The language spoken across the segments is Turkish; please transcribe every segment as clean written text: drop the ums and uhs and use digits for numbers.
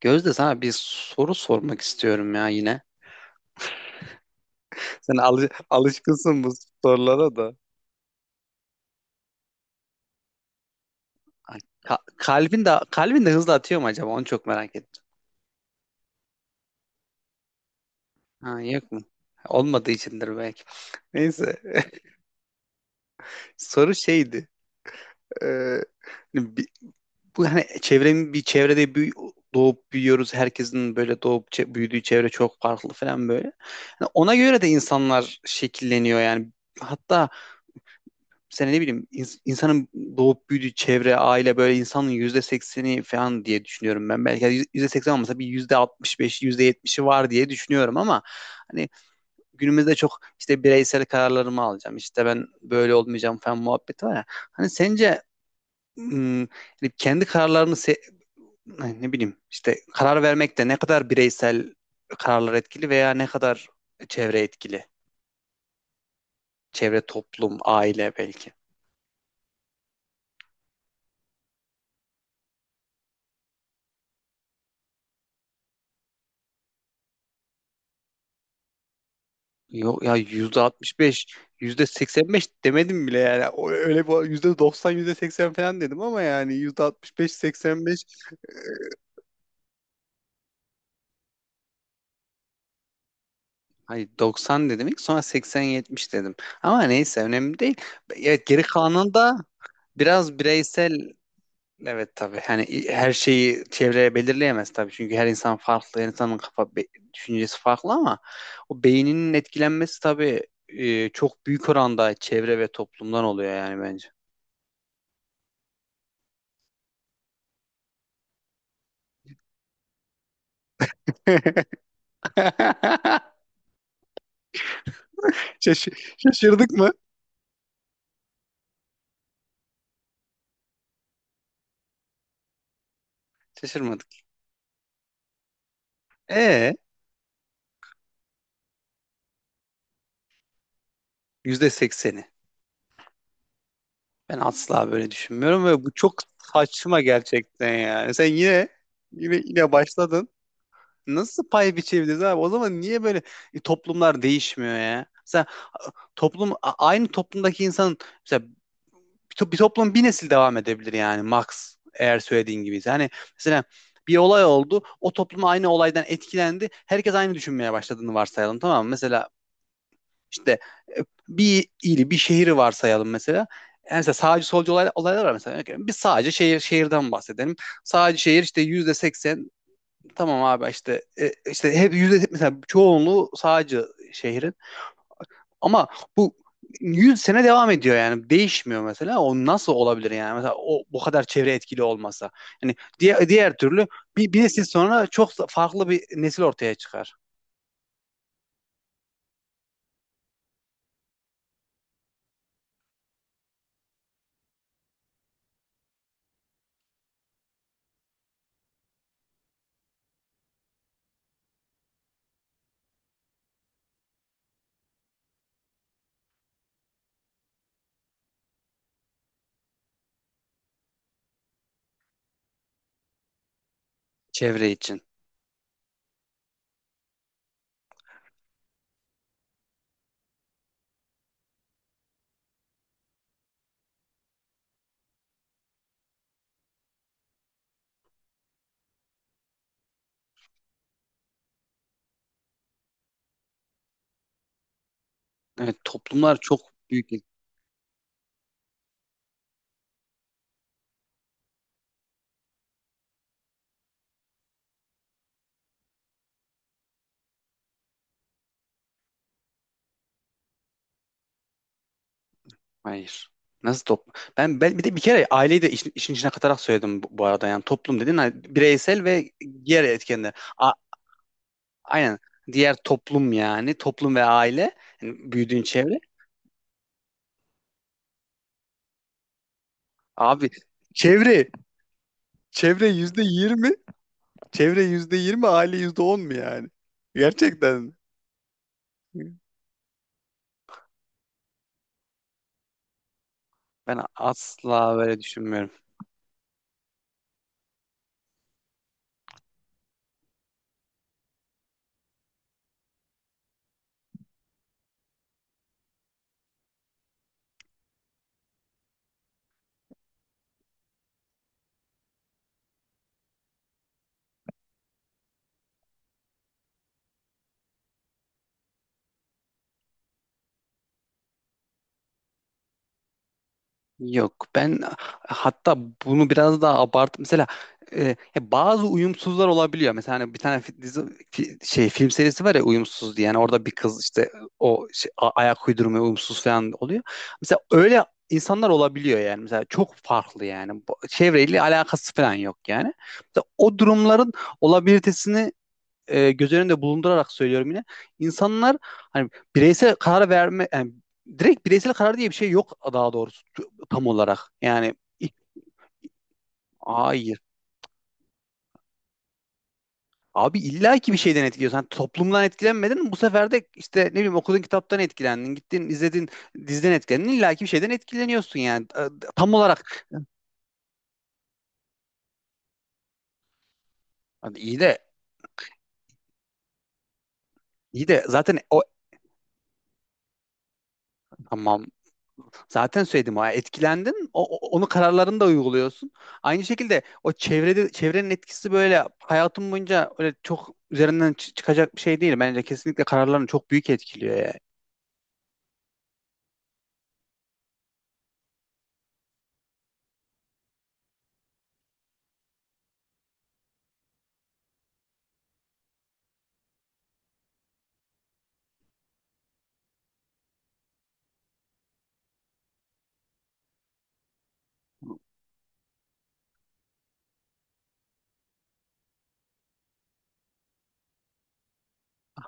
Gözde, sana bir soru sormak istiyorum ya yine. Sen alışkınsın bu sorulara da. Ay, kalbin de hızlı atıyor mu acaba? Onu çok merak ettim. Ha, yok mu? Olmadığı içindir belki. Neyse. Soru şeydi. Ee, hani bu hani çevrenin bir çevrede büyü, doğup büyüyoruz. Herkesin böyle doğup büyüdüğü çevre çok farklı falan böyle. Yani ona göre de insanlar şekilleniyor yani. Hatta sen ne bileyim insanın doğup büyüdüğü çevre, aile böyle insanın yüzde sekseni falan diye düşünüyorum ben. Belki yani yüzde seksen olmasa bir yüzde altmış beş, yüzde yetmişi var diye düşünüyorum ama hani günümüzde çok işte bireysel kararlarımı alacağım, işte ben böyle olmayacağım falan muhabbeti var ya. Hani sence ım, hani hani ne bileyim işte karar vermekte ne kadar bireysel kararlar etkili veya ne kadar çevre etkili? Çevre, toplum, aile belki. Yok ya, yüzde altmış beş, yüzde seksen beş demedim bile yani. Öyle bu %90, %80 falan dedim ama yani yüzde altmış beş, seksen beş. Hayır, doksan dedim ilk, sonra seksen, 70 dedim. Ama neyse, önemli değil. Evet, geri kalanın da biraz bireysel, evet tabii. Hani her şeyi çevreye belirleyemez tabii. Çünkü her insan farklı, her insanın düşüncesi farklı ama o beyninin etkilenmesi tabii çok büyük oranda çevre ve toplumdan oluyor yani bence. Şaş- şaşırdık mı? Şaşırmadık. E, yüzde sekseni. Ben asla böyle düşünmüyorum ve bu çok saçma gerçekten yani. Sen yine başladın. Nasıl pay biçebiliriz abi? O zaman niye böyle toplumlar değişmiyor ya? Mesela a- toplum aynı toplumdaki insan, mesela bir toplum bir nesil devam edebilir yani max, eğer söylediğin gibi. Yani mesela bir olay oldu. O toplum aynı olaydan etkilendi. Herkes aynı düşünmeye başladığını varsayalım, tamam mı? Mesela İşte e, bir ili, bir şehri varsayalım mesela. Yani mesela sağcı solcu olay, olaylar var mesela. Örneğin bir sadece şehir şehirden bahsedelim. Sadece şehir işte yüzde seksen, tamam abi işte işte hep yüzde mesela çoğunluğu sağcı şehrin. Ama bu 100 sene devam ediyor yani değişmiyor mesela, o nasıl olabilir yani, mesela o bu kadar çevre etkili olmasa yani diğer türlü bir nesil sonra çok farklı bir nesil ortaya çıkar çevre için. Evet, toplumlar çok büyük. Hayır. Nasıl toplum? Ben bir de bir kere aileyi de işin içine katarak söyledim, bu, bu arada. Yani toplum dedin, hani bireysel ve diğer etkenler. Aynen. Diğer toplum yani. Toplum ve aile. Yani büyüdüğün çevre. Abi, Çevre, çevre yüzde yirmi, çevre yüzde yirmi, aile yüzde on mu yani? Gerçekten, ben asla böyle düşünmüyorum. Yok ben hatta bunu biraz daha abart. Mesela e, ya, bazı uyumsuzlar olabiliyor. Mesela hani bir tane dizi, film serisi var ya, uyumsuz diye. Yani orada bir kız işte o şey, ayak uydurma uyumsuz falan oluyor. Mesela öyle insanlar olabiliyor yani. Mesela çok farklı yani. Çevreyle alakası falan yok yani. Mesela o durumların olabilitesini göz önünde bulundurarak söylüyorum yine. İnsanlar hani bireysel karar verme, yani direkt bireysel karar diye bir şey yok daha doğrusu, tam olarak. Yani i- hayır. Abi illa ki bir şeyden etkiliyorsun. Hani toplumdan etkilenmedin, bu sefer de işte ne bileyim okuduğun kitaptan etkilendin. Gittin, izledin, diziden etkilendin. İlla ki bir şeyden etkileniyorsun yani. Tam olarak. Hani iyi de, zaten o, tamam, zaten söyledim. Ha, etkilendin, onu, kararlarını da uyguluyorsun. Aynı şekilde o çevrede çevrenin etkisi böyle hayatım boyunca öyle çok üzerinden çıkacak bir şey değil. Bence kesinlikle kararlarını çok büyük etkiliyor ya.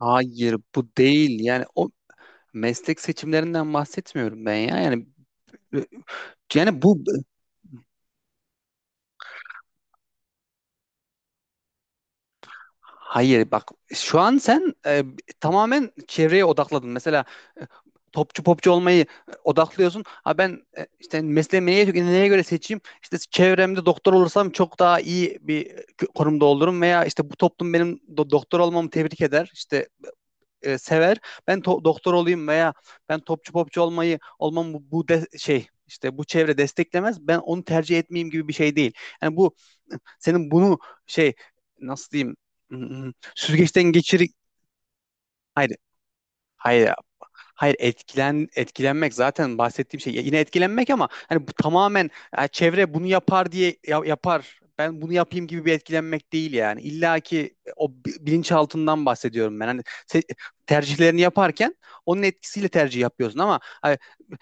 Hayır, bu değil yani, o meslek seçimlerinden bahsetmiyorum ben ya. Yani yani bu Hayır bak, şu an sen tamamen çevreye odakladın. Mesela e, topçu popçu olmayı odaklıyorsun. Ha ben işte mesleğimi neye göre seçeyim? İşte çevremde doktor olursam çok daha iyi bir konumda olurum, veya işte bu toplum benim doktor olmamı tebrik eder, İşte sever. Ben doktor olayım, veya ben topçu popçu olmayı olmam, bu, bu de- şey işte bu çevre desteklemez, ben onu tercih etmeyeyim gibi bir şey değil. Yani bu, senin bunu, şey, nasıl diyeyim, süzgeçten geçir, hayır. Hayır, hayır, etkilenmek zaten bahsettiğim şey. Ya, yine etkilenmek ama hani bu tamamen ya çevre bunu yapar diye yapar, ben bunu yapayım gibi bir etkilenmek değil yani. İlla ki o bilinçaltından bahsediyorum ben. Hani se- tercihlerini yaparken onun etkisiyle tercih yapıyorsun ama hani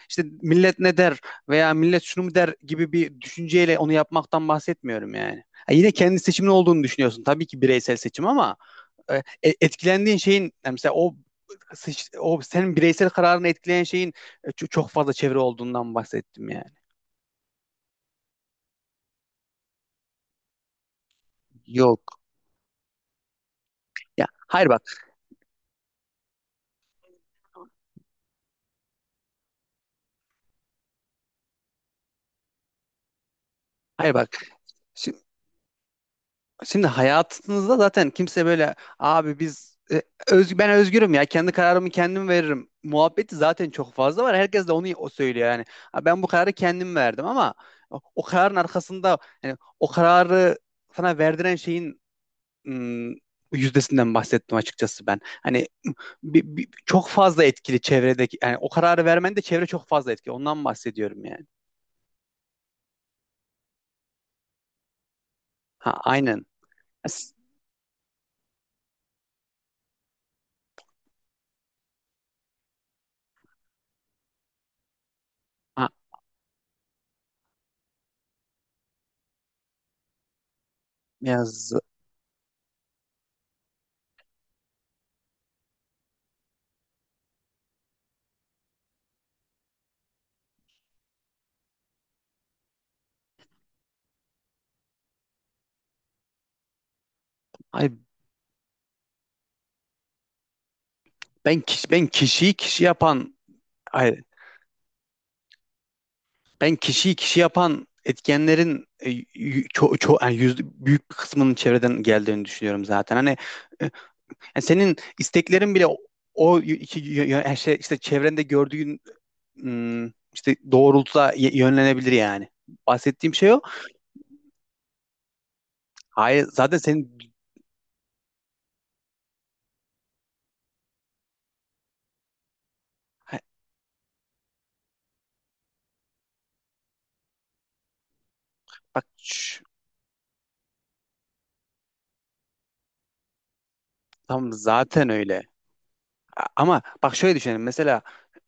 işte millet ne der, veya millet şunu mu der gibi bir düşünceyle onu yapmaktan bahsetmiyorum yani. Ha, yine kendi seçimin olduğunu düşünüyorsun. Tabii ki bireysel seçim ama e, etkilendiğin şeyin, yani mesela o senin bireysel kararını etkileyen şeyin çok fazla çevre olduğundan bahsettim yani. Yok. Ya hayır, bak. Hayır bak. Şimdi, şimdi hayatınızda zaten kimse böyle, abi biz ben özgürüm ya, kendi kararımı kendim veririm muhabbeti zaten çok fazla var. Herkes de onu, o söylüyor yani. Ha, ben bu kararı kendim verdim ama o kararın arkasında, yani o kararı sana verdiren şeyin ım, yüzdesinden bahsettim açıkçası ben. Hani çok fazla etkili çevredeki, yani o kararı vermen de çevre çok fazla etkili. Ondan bahsediyorum yani. Ha, aynen. As- Ha, yaz. Ay, ben kişi, ben kişiyi kişi yapan, ay, ben kişiyi kişi yapan etkenlerin yani yüzde- büyük bir kısmının çevreden geldiğini düşünüyorum zaten. Hani e, yani senin isteklerin bile o o y- iki- y- y- yani şey, işte çevrende gördüğün işte doğrultuda yönlenebilir yani. Bahsettiğim şey o. Hayır, zaten senin, ha, bak şş, tam zaten öyle. Ama bak, şöyle düşünelim. Mesela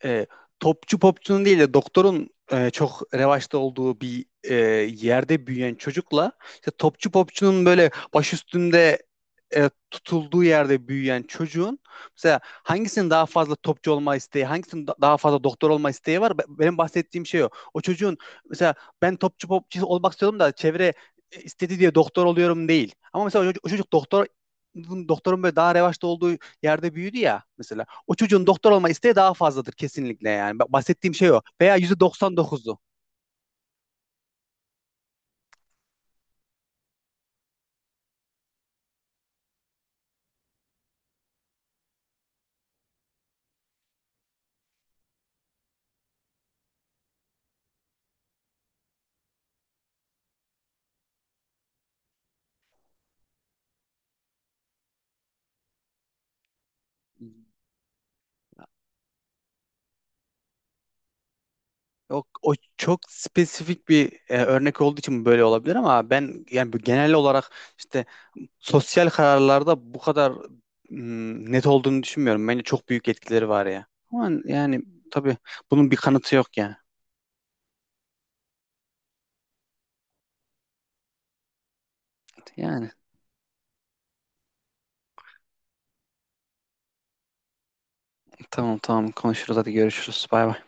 e, topçu popçunun değil de doktorun çok revaçta olduğu bir yerde büyüyen çocukla, işte topçu popçunun böyle baş üstünde tutulduğu yerde büyüyen çocuğun, mesela hangisinin daha fazla topçu olma isteği, hangisinin daha fazla doktor olma isteği var? Benim bahsettiğim şey o. O çocuğun mesela ben topçu popçu olmak istiyordum da çevre istedi diye doktor oluyorum değil. Ama mesela o çocuk doktorun böyle daha revaçta olduğu yerde büyüdü ya mesela. O çocuğun doktor olma isteği daha fazladır kesinlikle yani. Bahsettiğim şey o. Veya %99'u. Yok, o çok spesifik bir örnek olduğu için böyle olabilir ama ben yani bu genel olarak işte sosyal kararlarda bu kadar net olduğunu düşünmüyorum. Bence çok büyük etkileri var ya. Ama yani tabii, bunun bir kanıtı yok yani. Yani tamam tamam, konuşuruz, hadi görüşürüz. Bay bay.